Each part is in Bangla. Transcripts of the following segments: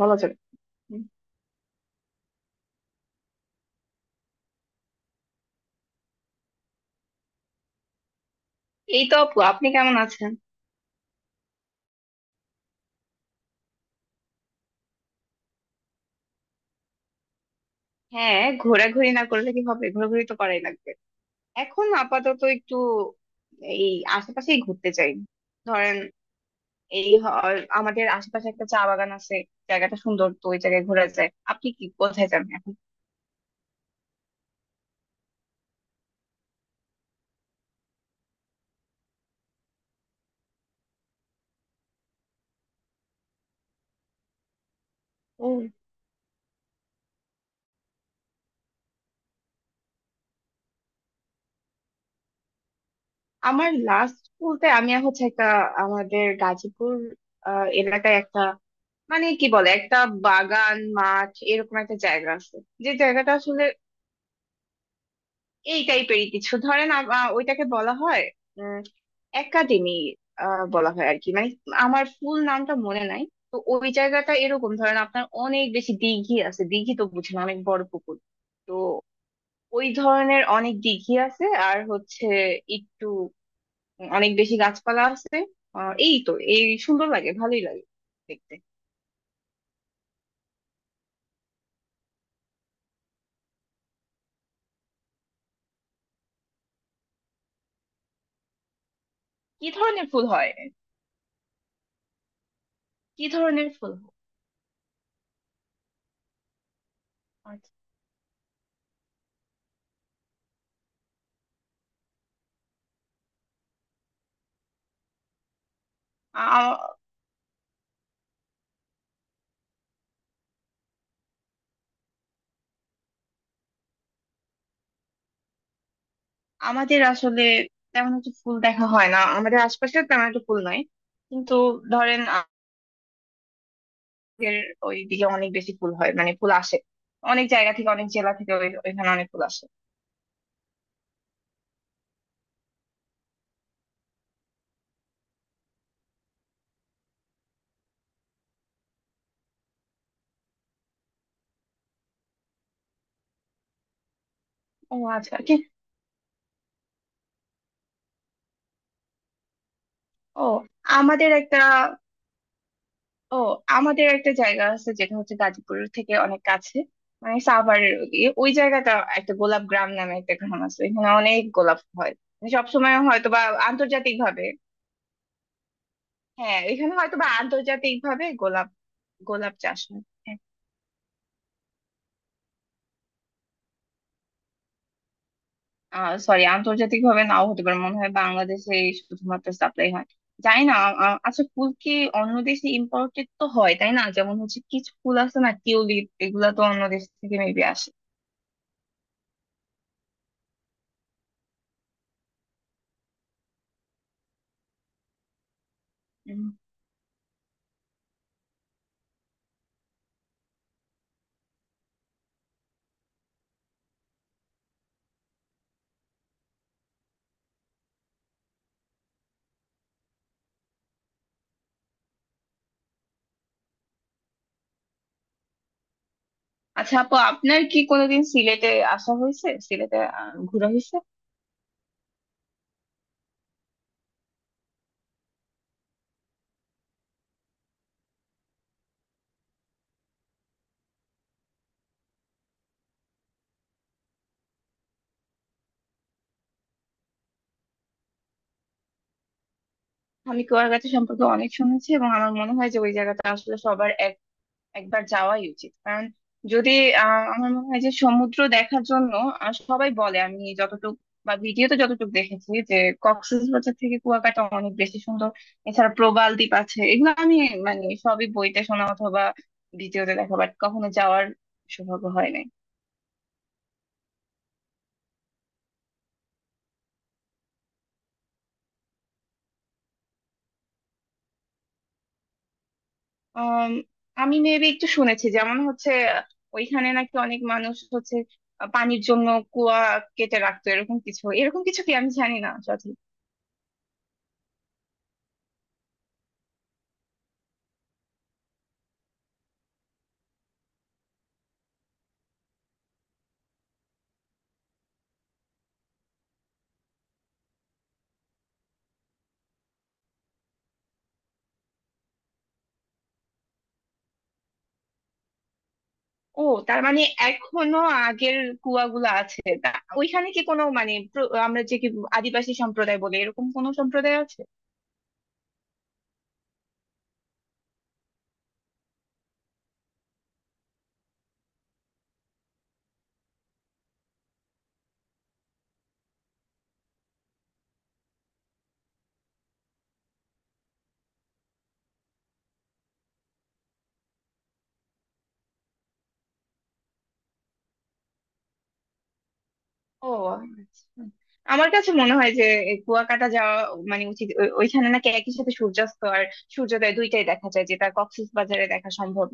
বলা যাবে। হুম। এই তো আপু, আপনি কেমন আছেন? হ্যাঁ, ঘোরাঘুরি না করলে কি হবে, ঘোরাঘুরি তো করাই লাগবে। এখন আপাতত একটু এই আশেপাশেই ঘুরতে চাই। ধরেন, এই হ- আমাদের আশেপাশে একটা চা বাগান আছে। জায়গাটা সুন্দর, তো ওই জায়গায় ঘোরা যায়। আপনি কি কোথায় যাবেন এখন? ও, আমার লাস্ট বলতে আমি হচ্ছে একটা আমাদের গাজীপুর এলাকায় একটা, মানে কি বলে, একটা বাগান মাঠ এরকম একটা জায়গা আছে। যে জায়গাটা এই টাইপেরই কিছু, ধরেন ওইটাকে বলা হয় উম একাডেমি বলা হয় আর কি, মানে আমার ফুল নামটা মনে নাই। তো ওই জায়গাটা এরকম, ধরেন আপনার অনেক বেশি দিঘি আছে। দিঘি তো বুঝেন, অনেক বড় পুকুর। তো ওই ধরনের অনেক দিঘি আছে। আর হচ্ছে একটু অনেক বেশি গাছপালা আছে। এই তো, এই সুন্দর লাগে, ভালোই লাগে দেখতে। কি ধরনের ফুল হয়? কি ধরনের ফুল হয়? আচ্ছা, আমাদের আসলে তেমন একটা ফুল দেখা হয় না, আমাদের আশপাশে তেমন একটা ফুল নাই। কিন্তু ধরেন আমাদের ওইদিকে অনেক বেশি ফুল হয়, মানে ফুল আসে অনেক জায়গা থেকে, অনেক জেলা থেকে। ওইখানে অনেক ফুল আসে। ও আচ্ছা। কি? ও, আমাদের একটা, ও আমাদের একটা জায়গা আছে যেটা হচ্ছে গাজীপুর থেকে অনেক কাছে, মানে সাভারের ওদিকে ওই জায়গাটা। একটা গোলাপ গ্রাম নামে একটা গ্রাম আছে, ওইখানে অনেক গোলাপ হয়। সবসময় হয়তো বা আন্তর্জাতিক ভাবে। হ্যাঁ, এখানে হয়তো বা আন্তর্জাতিক ভাবে গোলাপ, গোলাপ চাষ হয়। হ্যাঁ, সরি, আন্তর্জাতিক ভাবে নাও হতে পারে, মনে হয় বাংলাদেশে শুধুমাত্র সাপ্লাই হয়। জানি না। আচ্ছা, ফুল কি অন্য দেশে ইম্পোর্টেড তো হয়, তাই না? যেমন হচ্ছে কিছু ফুল আছে না, টিউলিপ, এগুলা তো অন্য দেশ থেকে মেবি আসে। উম, আচ্ছা আপু, আপনার কি কোনোদিন সিলেটে আসা হয়েছে, সিলেটে ঘোরা হয়েছে? আমি কুয়াকাটা সম্পর্কে অনেক শুনেছি, এবং আমার মনে হয় যে ওই জায়গাটা আসলে সবার একবার যাওয়াই উচিত। কারণ যদি, আহ, আমার মনে হয় যে সমুদ্র দেখার জন্য, সবাই বলে, আমি যতটুকু বা ভিডিওতে যতটুকু দেখেছি যে কক্সবাজার থেকে কুয়াকাটা অনেক বেশি সুন্দর। এছাড়া প্রবাল দ্বীপ আছে, এগুলো আমি মানে সবই বইতে শোনা অথবা ভিডিওতে দেখা, বাট কখনো যাওয়ার সৌভাগ্য হয় নাই। আম, আমি মেবি একটু শুনেছি। যেমন হচ্ছে আহ, ওইখানে নাকি অনেক মানুষ হচ্ছে পানির জন্য কুয়া কেটে রাখতো, এরকম কিছু, এরকম কিছু কি আমি জানি না। ও, তার মানে এখনো আগের কুয়াগুলো আছে তা। ওইখানে কি কোনো মানে, আমরা যে কি আদিবাসী সম্প্রদায় বলি, এরকম কোনো সম্প্রদায় আছে? ও আচ্ছা। আমার কাছে মনে হয় যে এই কুয়াকাটা যাওয়া মানে উচিত। ওইখানে নাকি একই সাথে সূর্যাস্ত আর সূর্যোদয় দুইটাই দেখা যায়, যেটা কক্সবাজারে দেখা সম্ভব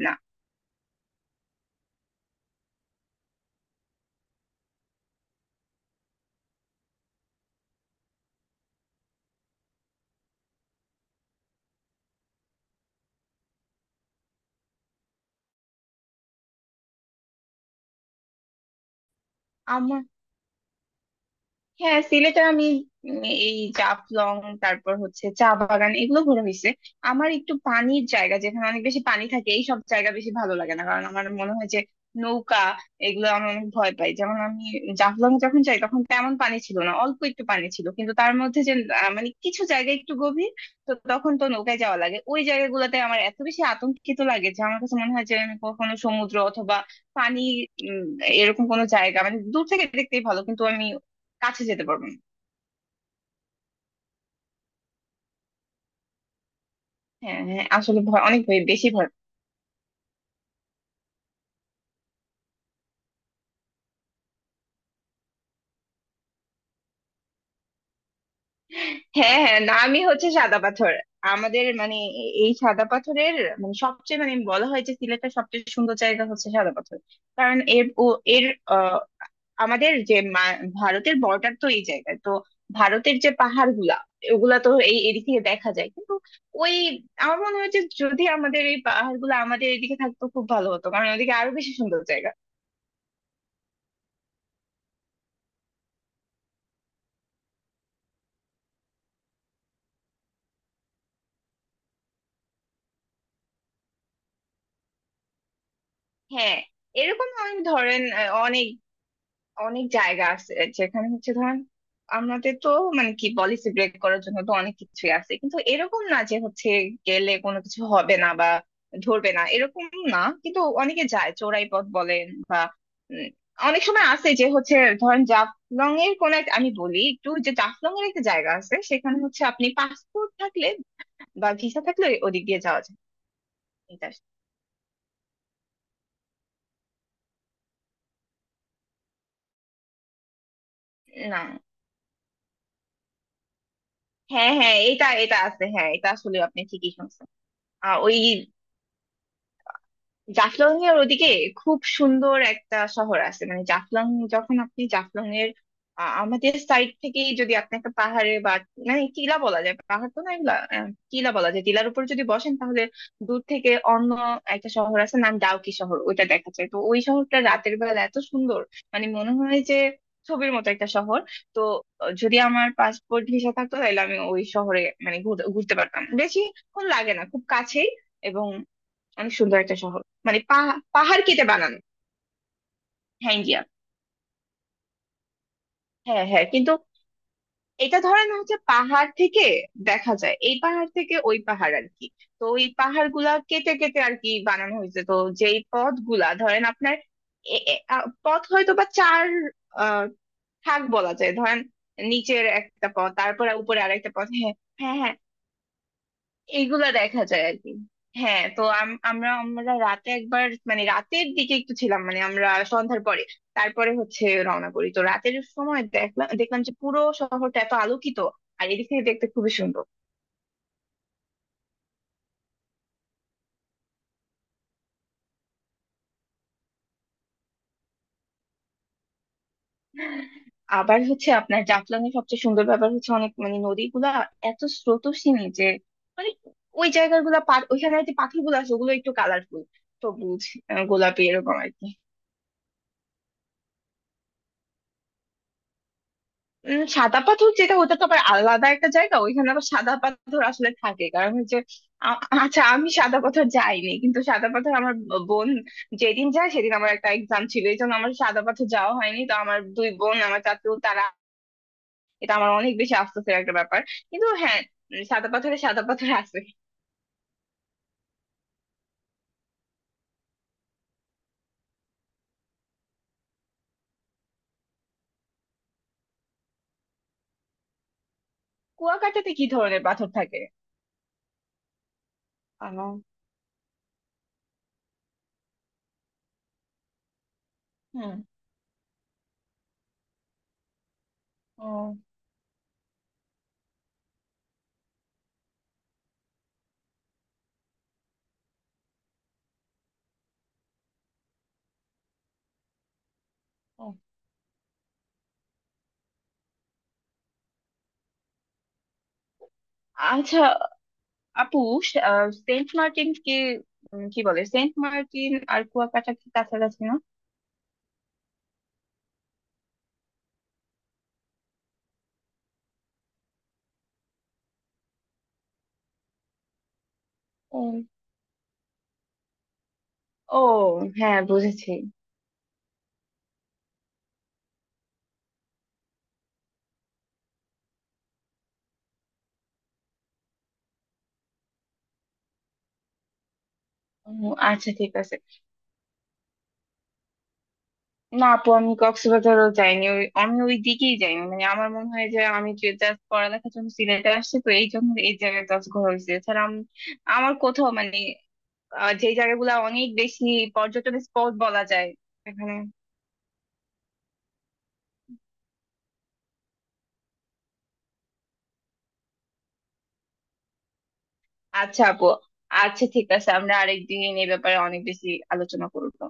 না। হ্যাঁ, সিলেটে আমি উম এই জাফলং, তারপর হচ্ছে চা বাগান, এগুলো ঘোরা হয়েছে। আমার একটু পানির জায়গা, যেখানে অনেক বেশি পানি থাকে, এই সব জায়গা বেশি ভালো লাগে না। কারণ আমার মনে হয় যে নৌকা, এগুলো আমি অনেক ভয় পাই। যেমন আমি জাফলং যখন যাই, তখন তেমন পানি ছিল না, অল্প একটু পানি ছিল। কিন্তু তার মধ্যে যে মানে কিছু জায়গা একটু গভীর, তো তখন তো নৌকায় যাওয়া লাগে। ওই জায়গাগুলোতে আমার এত বেশি আতঙ্কিত লাগে যে আমার কাছে মনে হয় যে আমি কখনো সমুদ্র অথবা পানি, উম, এরকম কোনো জায়গা মানে দূর থেকে দেখতেই ভালো, কিন্তু আমি কাছে যেতে পারবেন। হ্যাঁ হ্যাঁ আসলে ভয়, অনেক ভয়, বেশি ভয়। হ্যাঁ হ্যাঁ নামই হচ্ছে সাদা পাথর। আমাদের মানে, এই সাদা পাথরের মানে সবচেয়ে, মানে বলা হয় যে সিলেটের সবচেয়ে সুন্দর জায়গা হচ্ছে সাদা পাথর। কারণ এর, ও, এর আহ, আমাদের যে ভারতের বর্ডার তো এই জায়গায়, তো ভারতের যে পাহাড় গুলা, ওগুলা তো এই এদিক থেকে দেখা যায়। কিন্তু ওই, আমার মনে হয় যে যদি আমাদের এই পাহাড় গুলো আমাদের এদিকে থাকতো, খুব ভালো হতো। কারণ ওদিকে আরো বেশি সুন্দর জায়গা। হ্যাঁ, এরকম অনেক ধরেন, অনেক, অনেক জায়গা আছে যেখানে হচ্ছে, ধরেন আমাদের তো মানে কি পলিসি ব্রেক করার জন্য তো অনেক কিছুই আছে। কিন্তু এরকম না যে হচ্ছে গেলে কোনো কিছু হবে না বা ধরবে না, এরকম না। কিন্তু অনেকে যায় চোরাই পথ বলেন বা, উম, অনেক সময় আছে যে হচ্ছে ধরেন জাফলং এর কোন একটা, আমি বলি একটু, যে জাফলং এর একটা জায়গা আছে সেখানে হচ্ছে আপনি পাসপোর্ট থাকলে বা ভিসা থাকলে ওদিক দিয়ে যাওয়া যায়। এটা না। হ্যাঁ হ্যাঁ এটা এটা আছে, হ্যাঁ, এটা আসলে আপনি ঠিকই শুনছেন। আহ, ওই জাফলং এর ওদিকে খুব সুন্দর একটা শহর আছে। মানে জাফলং, যখন আপনি জাফলং এর আমাদের সাইড থেকেই যদি আপনি একটা পাহাড়ে বা মানে টিলা বলা যায়, পাহাড় তো না এগুলা, টিলা বলা যায়, টিলার উপর যদি বসেন, তাহলে দূর থেকে অন্য একটা শহর আছে নাম ডাউকি শহর, ওইটা দেখা যায়। তো ওই শহরটা রাতের বেলা এত সুন্দর, মানে মনে হয় যে ছবির মতো একটা শহর। তো যদি আমার পাসপোর্ট ভিসা থাকতো, তাহলে আমি ওই শহরে মানে ঘুরতে পারতাম, বেশিক্ষণ লাগে না, খুব কাছেই, এবং অনেক সুন্দর একটা শহর। মানে পাহাড় কেটে বানানো। হ্যাঁ, ইন্ডিয়া। হ্যাঁ হ্যাঁ কিন্তু এটা ধরেন হচ্ছে পাহাড় থেকে দেখা যায়, এই পাহাড় থেকে ওই পাহাড় আর কি। তো ওই পাহাড় গুলা কেটে কেটে আর কি বানানো হয়েছে। তো যেই পথ গুলা ধরেন আপনার, এ- এ- আ, পথ হয়তো বা চার আহ, থাক বলা যায়, ধরেন নিচের একটা পথ, তারপরে উপরে আরেকটা পথ। হ্যাঁ, হ্যাঁ, হ্যাঁ, এইগুলা দেখা যায় আর কি। হ্যাঁ, তো আম- আমরা আমরা রাতে একবার মানে রাতের দিকে একটু ছিলাম, মানে আমরা সন্ধ্যার পরে, তারপরে হচ্ছে রওনা করি। তো রাতের সময় দেখলাম, দেখলাম যে পুরো শহরটা এত আলোকিত, আর এদিক থেকে দেখতে খুবই সুন্দর। আবার হচ্ছে আপনার জাফলং এর সবচেয়ে সুন্দর ব্যাপার হচ্ছে অনেক মানে নদীগুলা এত স্রোতস্বিনী যে, মানে ওই জায়গাগুলা ওইখানে যে পাখিগুলো আছে, ওগুলো একটু কালারফুল, সবুজ, গোলাপি, এরকম আর কি। উম, সাদা পাথর যেটা, ওটা তো আবার আলাদা একটা জায়গা, ওইখানে আবার সাদা পাথর আসলে থাকে। কারণ হচ্ছে, আ- আচ্ছা, আমি সাদা পাথর যাইনি, কিন্তু সাদা পাথর আমার বোন যেদিন যায়, সেদিন আমার একটা এক্সাম ছিল, এই জন্য আমার সাদা পাথর যাওয়া হয়নি। তো আমার দুই বোন, আমার চাচু, তারা। এটা আমার অনেক বেশি আফসোসের একটা ব্যাপার, কিন্তু হ্যাঁ। উম, সাদা পাথরে সাদা পাথর আছে। কুয়াকাটাতে কি ধরনের পাথর থাকে? আহ, হুম। ও, ও আচ্ছা। আপু, সেন্ট মার্টিন কি, উম, কি বলে, সেন্ট মার্টিন আর কুয়াকাটা কি কাছাকাছি না? ও। ও, হ্যাঁ, বুঝেছি। উম, আচ্ছা, ঠিক আছে। না আপু, আমি কক্সবাজারও যাইনি, ওই আমি ওই দিকেই যাইনি। মানে আমার মনে হয় যে আমি যে জাস্ট পড়ালেখার জন্য সিলেটে আসছি, তো এই জন্য এই জায়গায় জাস্ট ঘোরা হয়েছে। এছাড়া আমার কোথাও মানে যে জায়গাগুলো অনেক বেশি পর্যটন স্পট বলা যায় এখানে। আচ্ছা আপু, আচ্ছা ঠিক আছে, আমরা আরেকদিন এই ব্যাপারে অনেক বেশি আলোচনা করবো।